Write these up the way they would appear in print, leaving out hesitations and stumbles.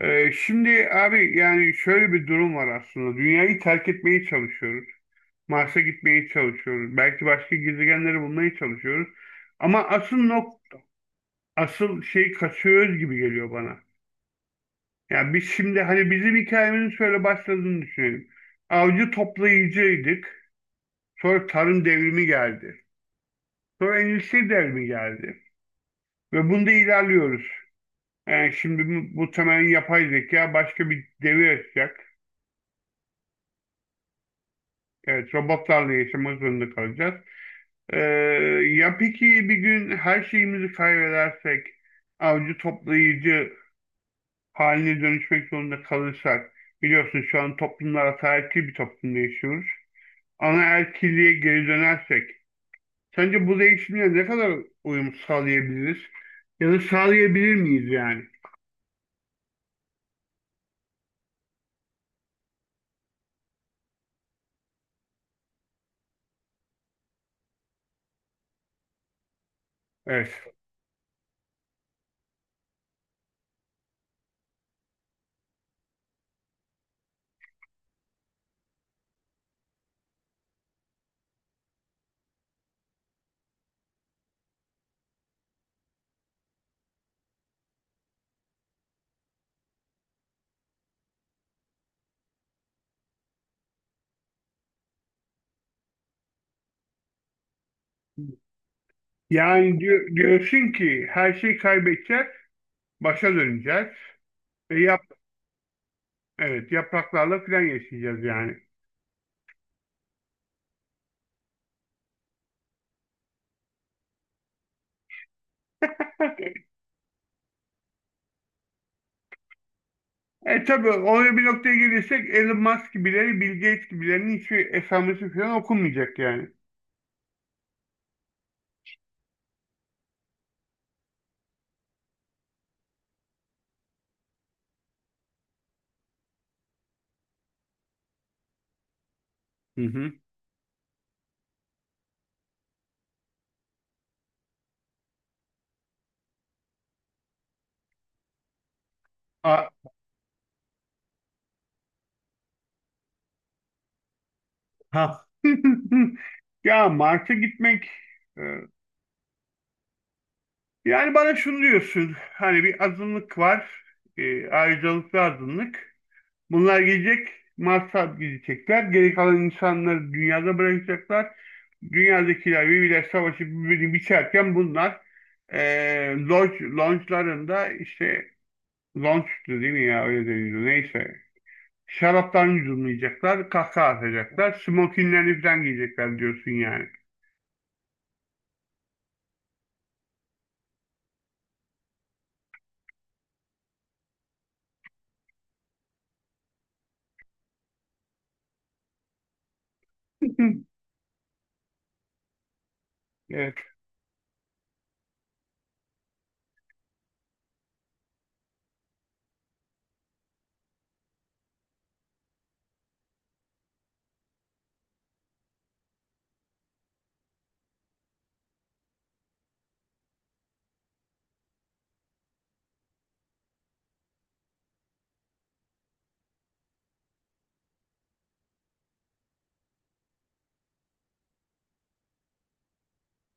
Şimdi abi yani şöyle bir durum var aslında. Dünyayı terk etmeye çalışıyoruz. Mars'a gitmeye çalışıyoruz. Belki başka gezegenleri bulmaya çalışıyoruz. Ama asıl şey kaçıyoruz gibi geliyor bana. Yani biz şimdi hani bizim hikayemizin şöyle başladığını düşünelim. Avcı toplayıcıydık. Sonra tarım devrimi geldi. Sonra endüstri devrimi geldi. Ve bunda ilerliyoruz. Yani şimdi bu temel yapay zeka başka bir devir açacak. Evet, robotlarla yaşamak zorunda kalacağız. Ee, ya peki bir gün her şeyimizi kaybedersek, avcı toplayıcı haline dönüşmek zorunda kalırsak, biliyorsun şu an toplumlar ataerkil bir toplumda yaşıyoruz. Anaerkilliğe geri dönersek, sence bu değişimle ne kadar uyum sağlayabiliriz? Ya da sağlayabilir miyiz yani? Evet. Yani diyorsun ki her şeyi kaybedeceğiz, başa döneceğiz ve yap, evet yapraklarla falan yaşayacağız yani. E tabii oraya bir noktaya gelirsek Elon Musk gibileri, Bill Gates gibilerinin hiçbir esamesi falan okunmayacak yani. Hı hı. A- Ha. Ya Mars'a gitmek e, yani bana şunu diyorsun hani bir azınlık var, ayrıcalıklı azınlık, bunlar gelecek, Mars'a gidecekler, geri kalan insanları dünyada bırakacaklar, dünyadakiler birbirler savaşı birbirini biçerken bunlar e, lodge'larında işte. Lon sütü değil mi ya? Öyle deniyordu. Neyse. Şaraptan yudumlayacaklar, kahkaha atacaklar, smokinlerini falan giyecekler diyorsun yani. Evet.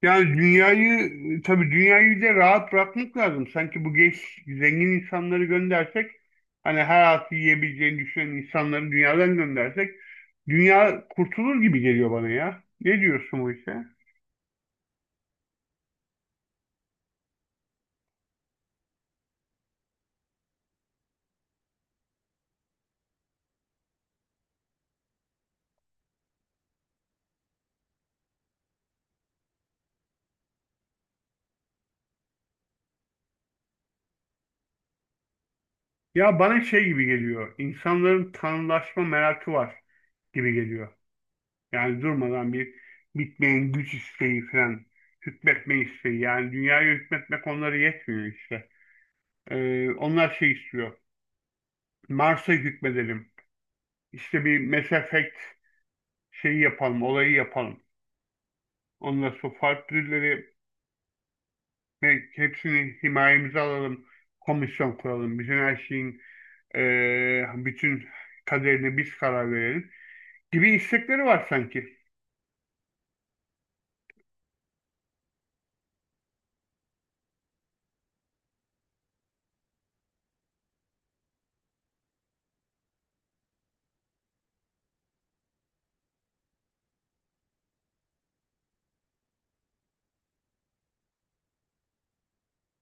Yani dünyayı, tabii dünyayı bir de rahat bırakmak lazım. Sanki bu genç, zengin insanları göndersek, hani her altı yiyebileceğini düşünen insanları dünyadan göndersek, dünya kurtulur gibi geliyor bana ya. Ne diyorsun bu işe? Ya bana şey gibi geliyor, İnsanların tanrılaşma merakı var gibi geliyor. Yani durmadan bir bitmeyen güç isteği falan, hükmetme isteği. Yani dünyaya hükmetmek onlara yetmiyor işte. Onlar şey istiyor. Mars'a hükmedelim. İşte bir Mass Effect şeyi yapalım, olayı yapalım. Ondan sonra farklı türleri hepsini himayemize alalım. Komisyon kuralım. Bütün her şeyin bütün kaderine biz karar verelim gibi istekleri var sanki.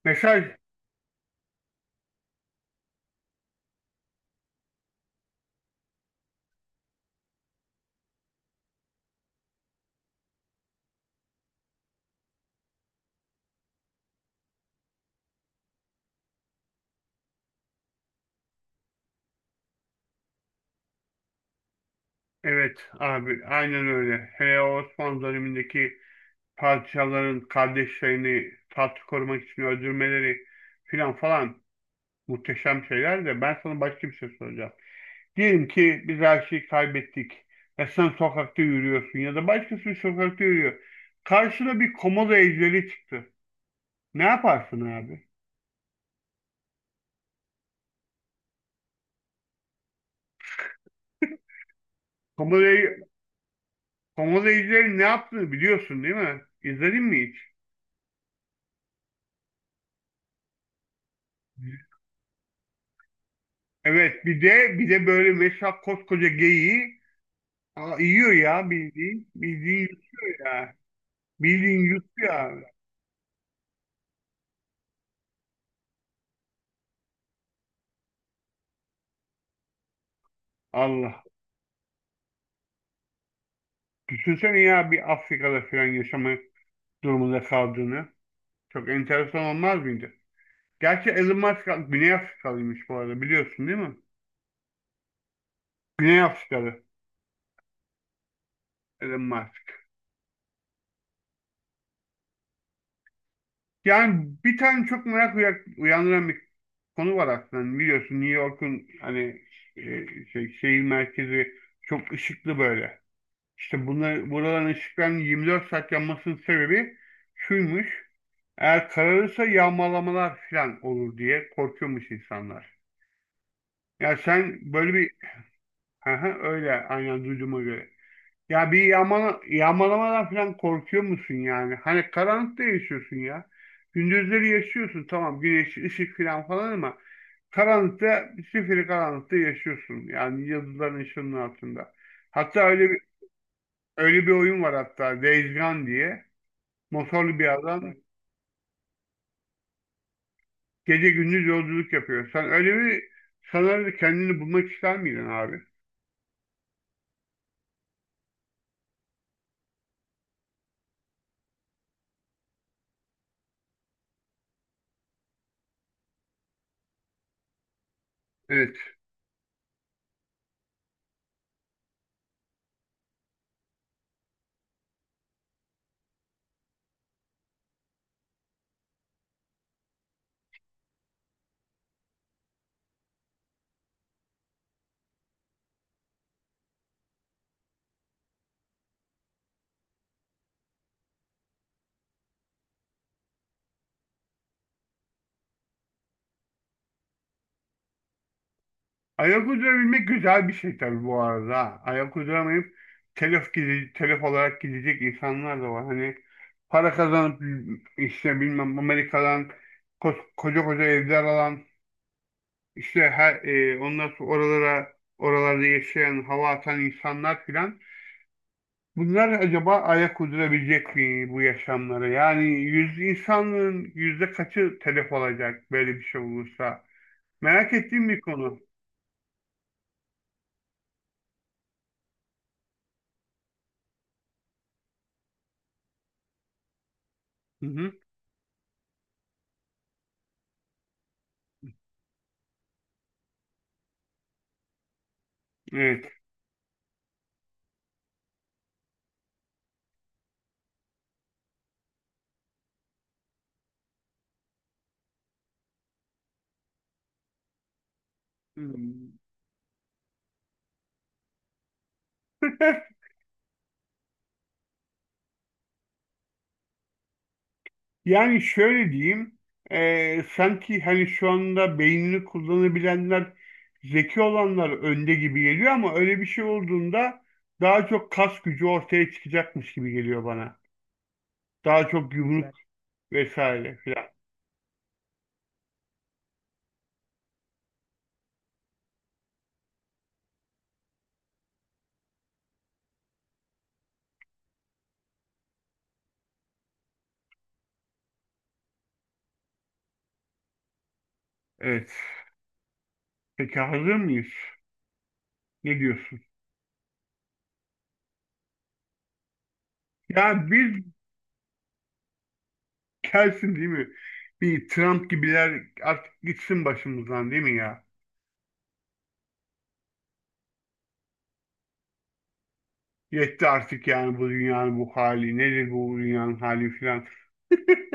Mesaj. Evet abi aynen öyle. Hele o Osmanlı dönemindeki parçaların kardeşlerini taht korumak için öldürmeleri filan falan muhteşem şeyler, de ben sana başka bir şey soracağım. Diyelim ki biz her şeyi kaybettik ve sen sokakta yürüyorsun ya da başkası sokakta yürüyor. Karşına bir komodo ejderi çıktı. Ne yaparsın abi? Komodo, komodo ejderi ne yaptığını biliyorsun değil mi? İzledin mi hiç? Evet, bir de böyle mesela koskoca geyiği yiyor ya, bildiğin yiyor ya. Bildiğin yuttu ya. Allah. Düşünsene ya bir Afrika'da falan yaşama durumunda kaldığını. Çok enteresan olmaz mıydı? Gerçi Elon Musk Güney Afrikalıymış bu arada, biliyorsun değil mi? Güney Afrikalı Elon Musk. Yani bir tane çok merak uyandıran bir konu var aslında. Hani biliyorsun New York'un hani şehir merkezi çok ışıklı böyle. İşte bunlar, buraların ışıklarının 24 saat yanmasının sebebi şuymuş. Eğer kararırsa yağmalamalar falan olur diye korkuyormuş insanlar. Ya sen böyle bir. Aha, öyle aynen duyduğuma göre. Ya bir yağmalamadan falan korkuyor musun yani? Hani karanlıkta yaşıyorsun ya. Gündüzleri yaşıyorsun tamam, güneş, ışık falan falan, ama karanlıkta, zifiri karanlıkta yaşıyorsun. Yani yıldızların ışığının altında. Hatta öyle bir oyun var hatta, Days Gone diye. Motorlu bir adam gece gündüz yolculuk yapıyor. Sen öyle bir, sanırım kendini bulmak ister miydin abi? Evet. Ayak uydurabilmek güzel bir şey tabii bu arada. Ha. Ayak uyduramayıp telef olarak gidecek insanlar da var. Hani para kazanıp işte bilmem Amerika'dan koca koca evler alan işte her, ondan sonra oralara oralarda yaşayan hava atan insanlar filan. Bunlar acaba ayak uydurabilecek mi bu yaşamlara? Yani insanlığın yüzde kaçı telef olacak böyle bir şey olursa? Merak ettiğim bir konu. Hı hı. Evet. Hmm. Yani şöyle diyeyim, sanki hani şu anda beynini kullanabilenler, zeki olanlar önde gibi geliyor ama öyle bir şey olduğunda daha çok kas gücü ortaya çıkacakmış gibi geliyor bana. Daha çok yumruk vesaire filan. Evet. Peki hazır mıyız? Ne diyorsun? Ya bir gelsin değil mi? Bir Trump gibiler artık gitsin başımızdan değil mi ya? Yetti artık yani bu dünyanın bu hali. Nedir bu dünyanın hali filan.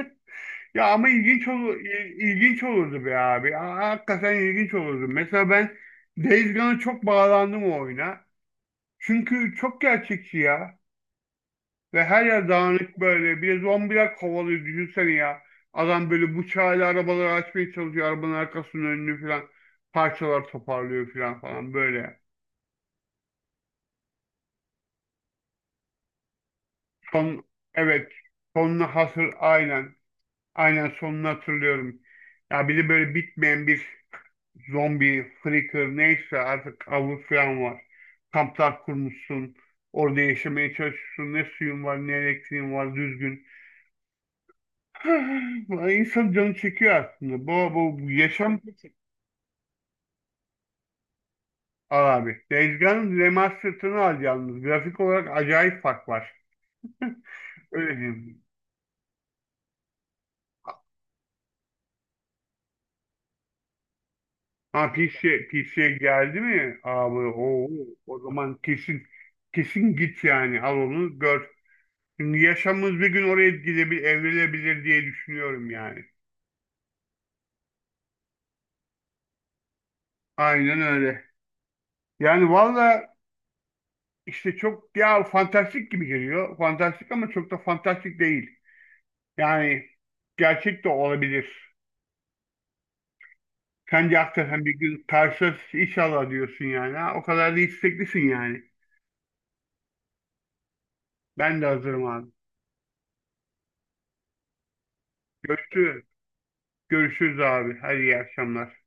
Ya ama ilginç olurdu be abi. Hakikaten ilginç olurdu. Mesela ben Days Gone'a çok bağlandım o oyuna. Çünkü çok gerçekçi ya. Ve her yer dağınık böyle. Bir de zombiler kovalıyor düşünsene ya. Adam böyle bıçağıyla arabaları açmaya çalışıyor. Arabanın arkasının önünü falan parçalar toparlıyor falan falan böyle. Son evet, sonuna hasır aynen. Aynen sonunu hatırlıyorum. Ya bir de böyle bitmeyen bir zombi, freaker neyse artık avı falan var. Kamplar kurmuşsun. Orada yaşamaya çalışıyorsun. Ne suyun var ne elektriğin var düzgün. İnsan canı çekiyor aslında. Bu yaşam. Al abi. Dezgan'ın remastered'ını al yalnız. Grafik olarak acayip fark var. Öyle diyeyim. PC'ye geldi mi abi? Oo, o zaman kesin git yani. Al onu gör. Şimdi yaşamımız bir gün oraya gidebilir, evrilebilir diye düşünüyorum yani. Aynen öyle. Yani valla işte çok ya fantastik gibi geliyor. Fantastik ama çok da fantastik değil. Yani gerçek de olabilir. Sen de hakikaten bir gün karşılaşırız inşallah diyorsun yani. Ha, o kadar da isteklisin yani. Ben de hazırım abi. Görüşürüz. Görüşürüz abi. Hadi iyi akşamlar.